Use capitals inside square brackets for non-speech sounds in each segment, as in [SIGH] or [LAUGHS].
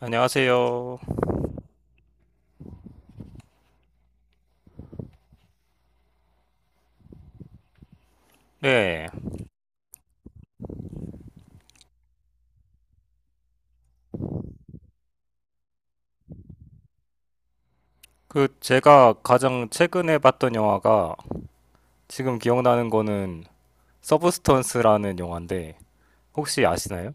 안녕하세요. 네. 그 제가 가장 최근에 봤던 영화가 지금 기억나는 거는 서브스턴스라는 영화인데 혹시 아시나요?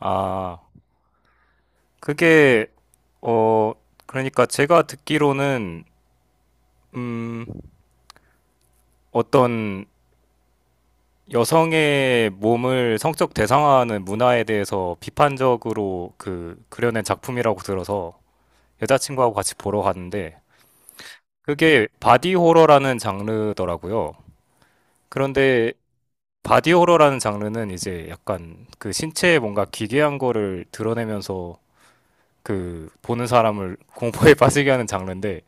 아, 그게 어 그러니까 제가 듣기로는 음 어떤 여성의 몸을 성적 대상화하는 문화에 대해서 비판적으로 그 그려낸 작품이라고 들어서 여자친구하고 같이 보러 갔는데 그게 바디 호러라는 장르더라고요. 그런데 바디 호러라는 장르는 이제 약간 그 신체에 뭔가 기괴한 거를 드러내면서 그 보는 사람을 [LAUGHS] 공포에 빠지게 하는 장르인데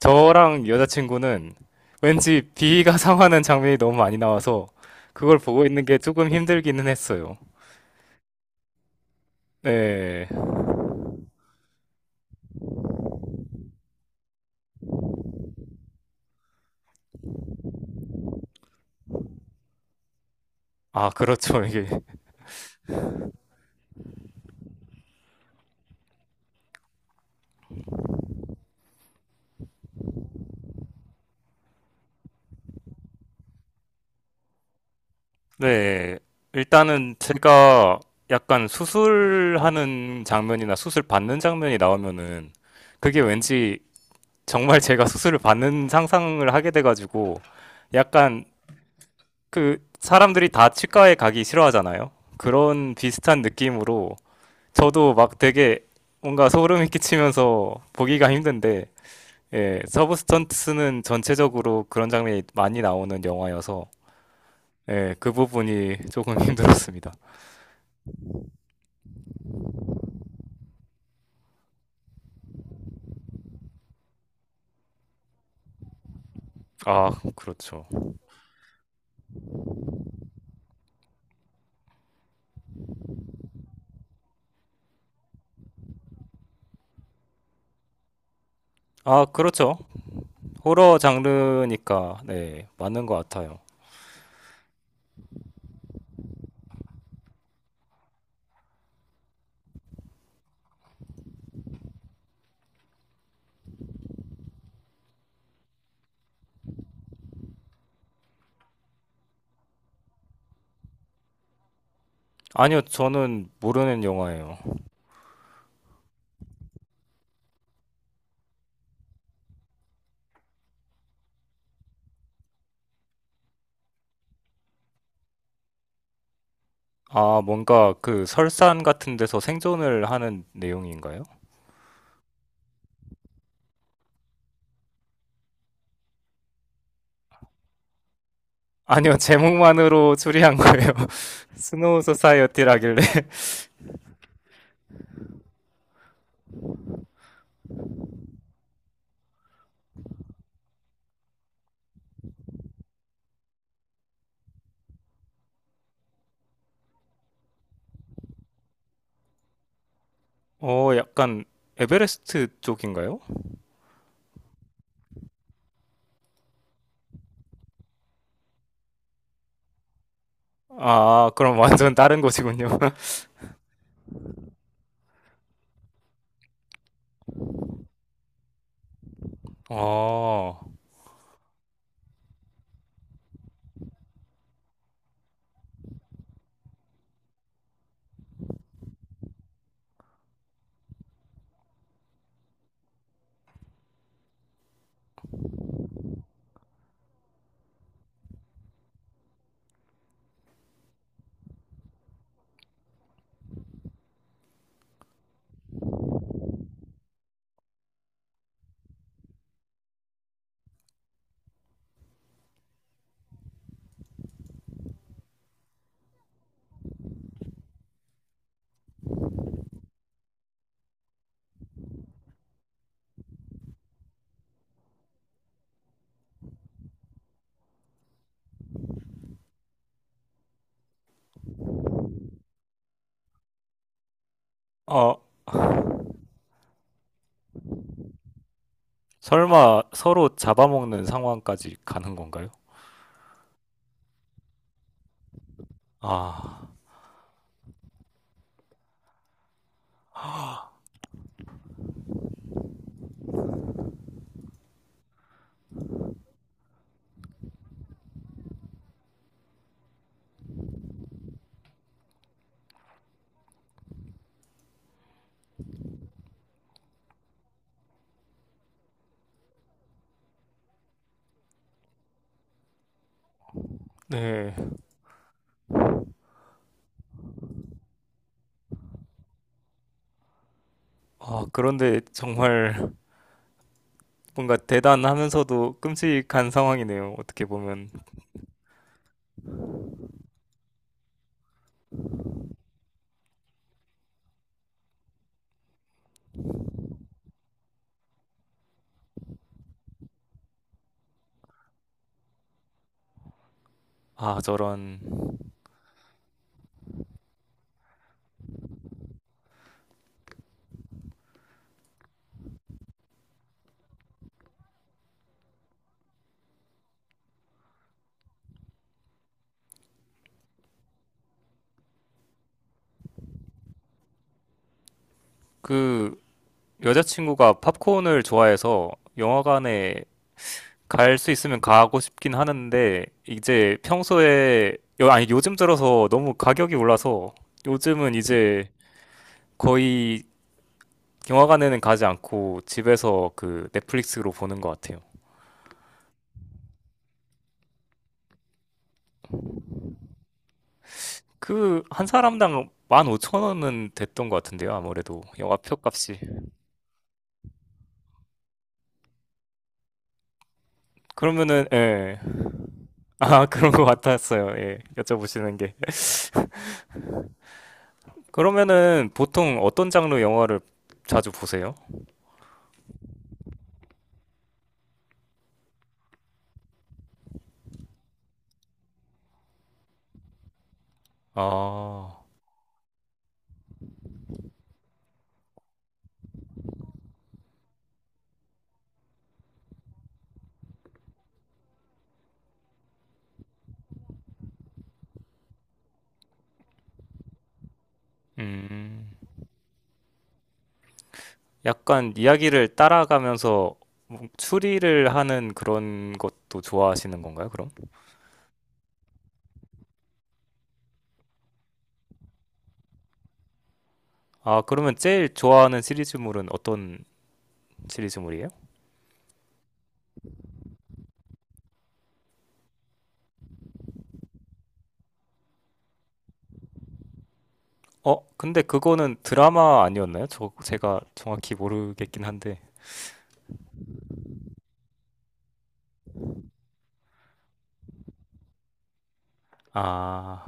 저랑 여자친구는 왠지 비위가 상하는 장면이 너무 많이 나와서 그걸 보고 있는 게 조금 힘들기는 했어요. 네. 아, 그렇죠. [LAUGHS] 이게. 네, 일단은 제가 약간 수술하는 장면이나 수술 받는 장면이 나오면은 그게 왠지 정말 제가 수술을 받는 상상을 하게 돼가지고 약간 그 사람들이 다 치과에 가기 싫어하잖아요. 그런 비슷한 느낌으로 저도 막 되게 뭔가 소름이 [LAUGHS] 끼치면서 보기가 힘든데 예, 서브 스턴트는 전체적으로 그런 장면이 많이 나오는 영화여서 예, 그 부분이 조금 [LAUGHS] 힘들었습니다. 아, 그렇죠. 아, 그렇죠. 호러 장르니까 네, 맞는 것 같아요. 아니요, 저는 모르는 영화예요. 아, 뭔가 그 설산 같은 데서 생존을 하는 내용인가요? [LAUGHS] 아니요, 제목만으로 추리한 거예요. [LAUGHS] 스노우 소사이어티라길래. [LAUGHS] 어, 약간 에베레스트 쪽인가요? 아, 그럼 완전 다른 곳이군요. [LAUGHS] 어, 어, 설마 서로 잡아먹는 상황까지 가는 건가요? 아, 네. 아, 그런데 정말 뭔가 대단하면서도 끔찍한 상황이네요. 어떻게 보면. 아, 저런. 그, 여자친구가 팝콘을 좋아해서 영화관에 갈 수 있으면 가고 싶긴 하는데 이제 평소에 아니 요즘 들어서 너무 가격이 올라서 요즘은 이제 거의 영화관에는 가지 않고 집에서 그 넷플릭스로 보는 것 같아요. 그 한 사람당 15,000원은 됐던 것 같은데요. 아무래도 영화표 값이. 그러면은 예. 아, [LAUGHS] 그런 것 같았어요. 예. 여쭤보시는 게. 그러면은 보통 어떤 장르 영화를 자주 보세요? 아, 음. 약간 이야기를 따라가면서 뭐 추리를 하는 그런 것도 좋아하시는 건가요, 그럼? 아, 그러면 제일 좋아하는 시리즈물은 어떤 시리즈물이에요? 어, 근데 그거는 드라마 아니었나요? 저, 제가 정확히 모르겠긴 한데. 아,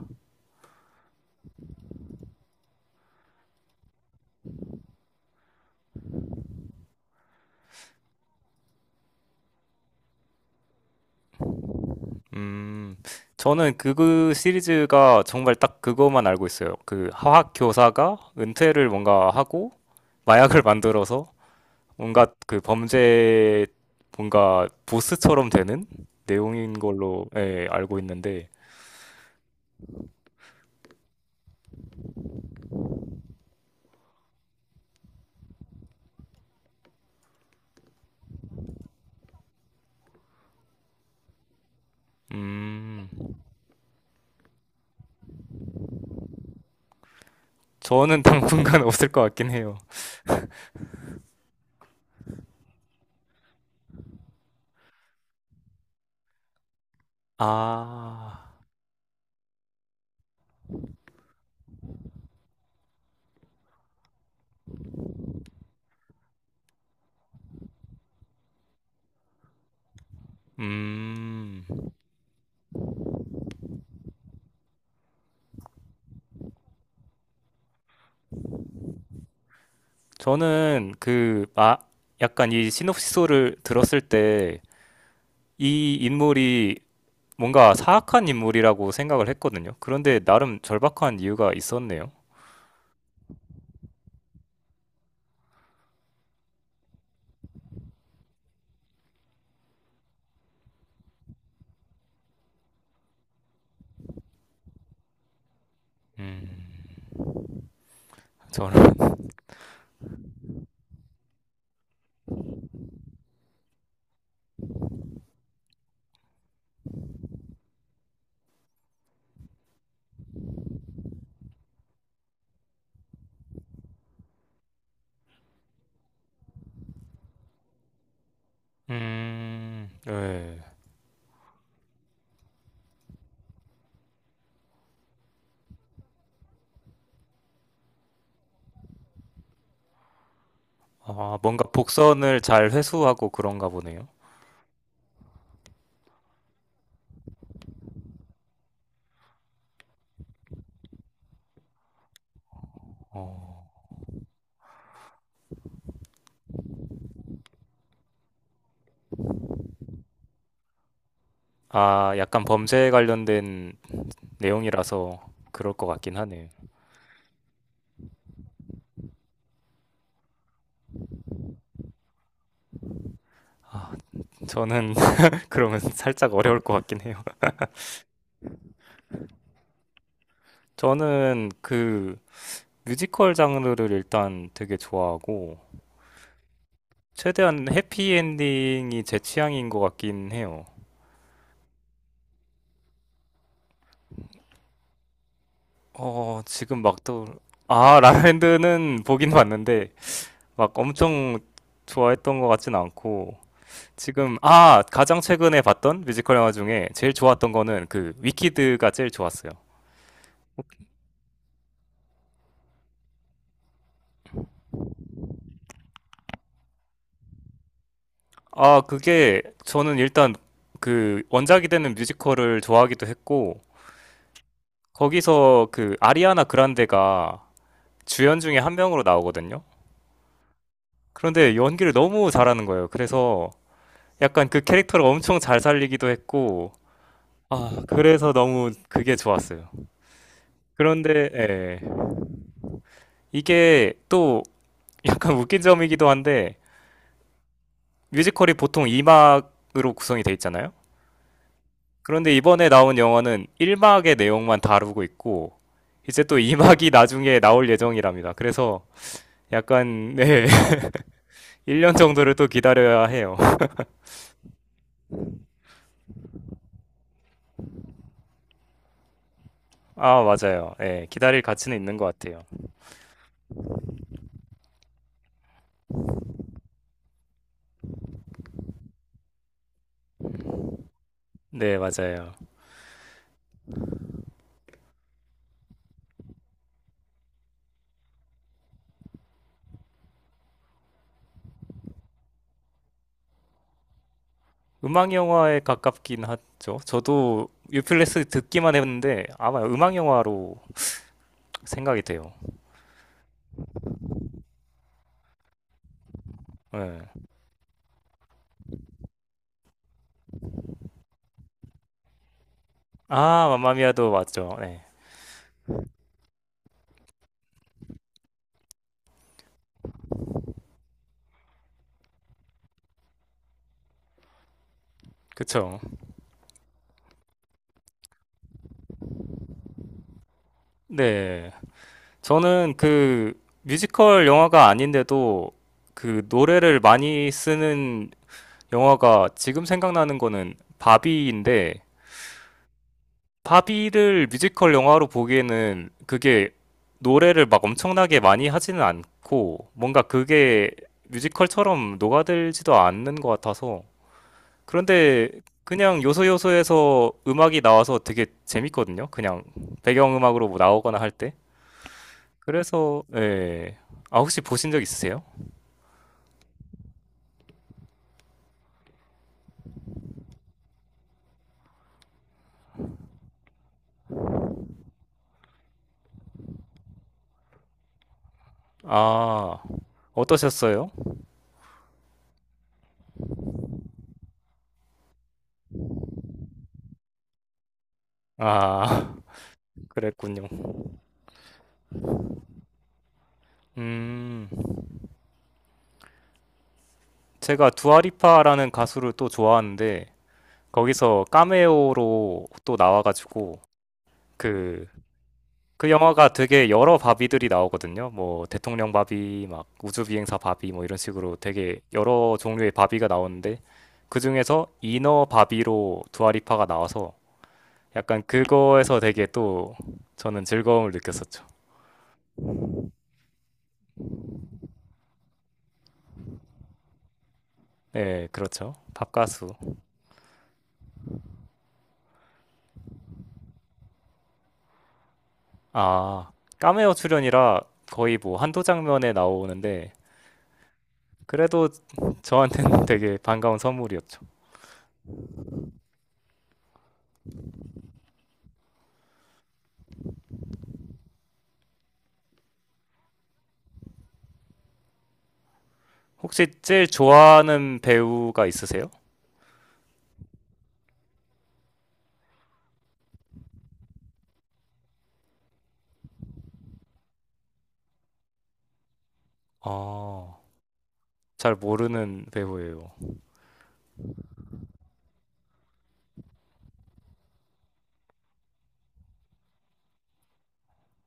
음. 저는 그, 그 시리즈가 정말 딱 그것만 알고 있어요. 그 화학 교사가 은퇴를 뭔가 하고 마약을 만들어서 뭔가 그 범죄 뭔가 보스처럼 되는 내용인 걸로 예, 알고 있는데 음 저는 [LAUGHS] 당분간 없을 것 같긴 해요. 아, 음 저는 그 아, 약간 이 시놉시소를 들었을 때 이 인물이 뭔가 사악한 인물이라고 생각을 했거든요. 그런데 나름 절박한 이유가 있었네요. 음 저는 예. 아, 뭔가 복선을 잘 회수하고 그런가 보네요. 어, 아, 약간 범죄에 관련된 내용이라서 그럴 것 같긴 하네요. 저는 [LAUGHS] 그러면 살짝 어려울 것 같긴 해요. 저는 그 뮤지컬 장르를 일단 되게 좋아하고, 최대한 해피엔딩이 제 취향인 것 같긴 해요. 어, 지금 막 또, 아, 라라랜드는 [LAUGHS] 보긴 봤는데, 막 엄청 좋아했던 것 같진 않고, 지금 아 가장 최근에 봤던 뮤지컬 영화 중에 제일 좋았던 거는 그 위키드가 제일 좋았어요. 아 그게 저는 일단 그 원작이 되는 뮤지컬을 좋아하기도 했고 거기서 그 아리아나 그란데가 주연 중에 한 명으로 나오거든요. 그런데 연기를 너무 잘하는 거예요. 그래서 약간 그 캐릭터를 엄청 잘 살리기도 했고 아 그래서 너무 그게 좋았어요. 그런데 예, 이게 또 약간 웃긴 점이기도 한데 뮤지컬이 보통 2막으로 구성이 돼 있잖아요. 그런데 이번에 나온 영화는 1막의 내용만 다루고 있고 이제 또 2막이 [LAUGHS] 나중에 나올 예정이랍니다. 그래서 약간 네, [LAUGHS] 1년 정도를 또 기다려야 해요. 아, 맞아요. 네 기다릴 가치는 있는 것 같아요. 네, 맞아요. 음악 영화에 가깝긴 하죠. 저도 유플레스 듣기만 했는데 아마 음악 영화로 생각이 돼요. 네. 아, 맘마미아도 맞죠. 네. 그쵸. 네. 저는 그 뮤지컬 영화가 아닌데도 그 노래를 많이 쓰는 영화가 지금 생각나는 거는 바비인데 바비를 뮤지컬 영화로 보기에는 그게 노래를 막 엄청나게 많이 하지는 않고 뭔가 그게 뮤지컬처럼 녹아들지도 않는 것 같아서 그런데 그냥 요소요소에서 음악이 나와서 되게 재밌거든요. 그냥 배경음악으로 뭐 나오거나 할 때. 그래서 예. 아 혹시 보신 적 있으세요? 아 어떠셨어요? 아 [LAUGHS] 그랬군요. 음 제가 두아리파라는 가수를 또 좋아하는데 거기서 카메오로 또 나와가지고 그 그 영화가 되게 여러 바비들이 나오거든요. 뭐 대통령 바비, 막 우주비행사 바비 뭐 이런 식으로 되게 여러 종류의 바비가 나오는데 그 중에서 이너 바비로 두아리파가 나와서 약간 그거에서 되게 또 저는 즐거움을 느꼈었죠. 네, 그렇죠. 밥가수. 아, 까메오 출연이라 거의 뭐 한두 장면에 나오는데 그래도 저한테는 [LAUGHS] 되게 반가운 선물이었죠. 혹시 제일 좋아하는 배우가 있으세요? 아, 잘 모르는 배우예요.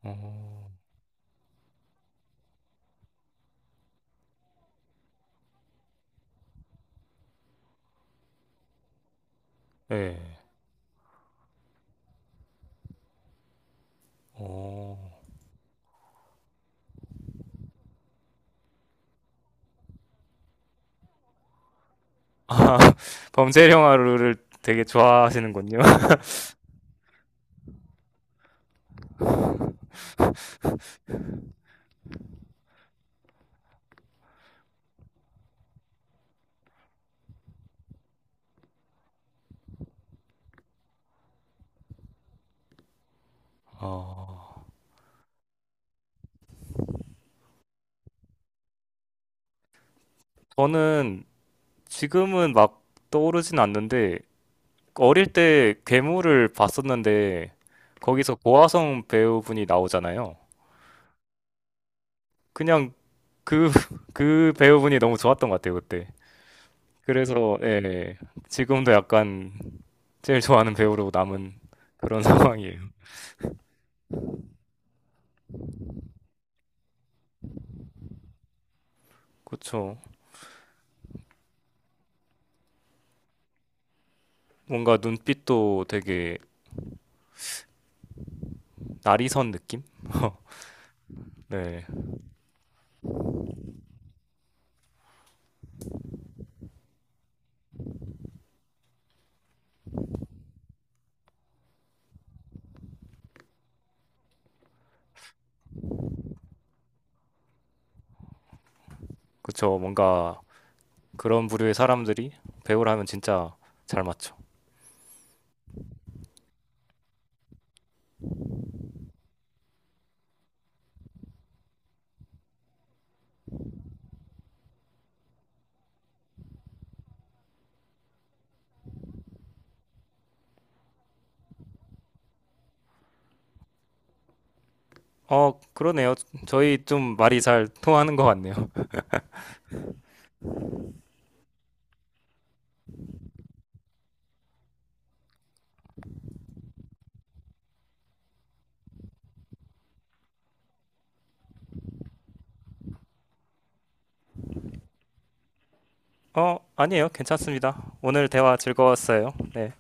어, 네. 오 [LAUGHS] 아, 범죄 영화를 되게 좋아하시는군요. [LAUGHS] 어, 저는 지금은 막 떠오르진 않는데 어릴 때 괴물을 봤었는데 거기서 고아성 배우분이 나오잖아요. 그냥 그, [LAUGHS] 그 배우분이 너무 좋았던 것 같아요, 그때. 그래서 예, 예. 지금도 약간 제일 좋아하는 배우로 남은 그런 [LAUGHS] 상황이에요. 그쵸. 뭔가 눈빛도 되게 나리선 느낌? [LAUGHS] 네. 그쵸. 뭔가 그런 부류의 사람들이 배우를 하면 진짜 잘 맞죠. 어, 그러네요. 저희 좀 말이 잘 통하는 것 같네요. 어, 아니에요. 괜찮습니다. 오늘 대화 즐거웠어요. 네.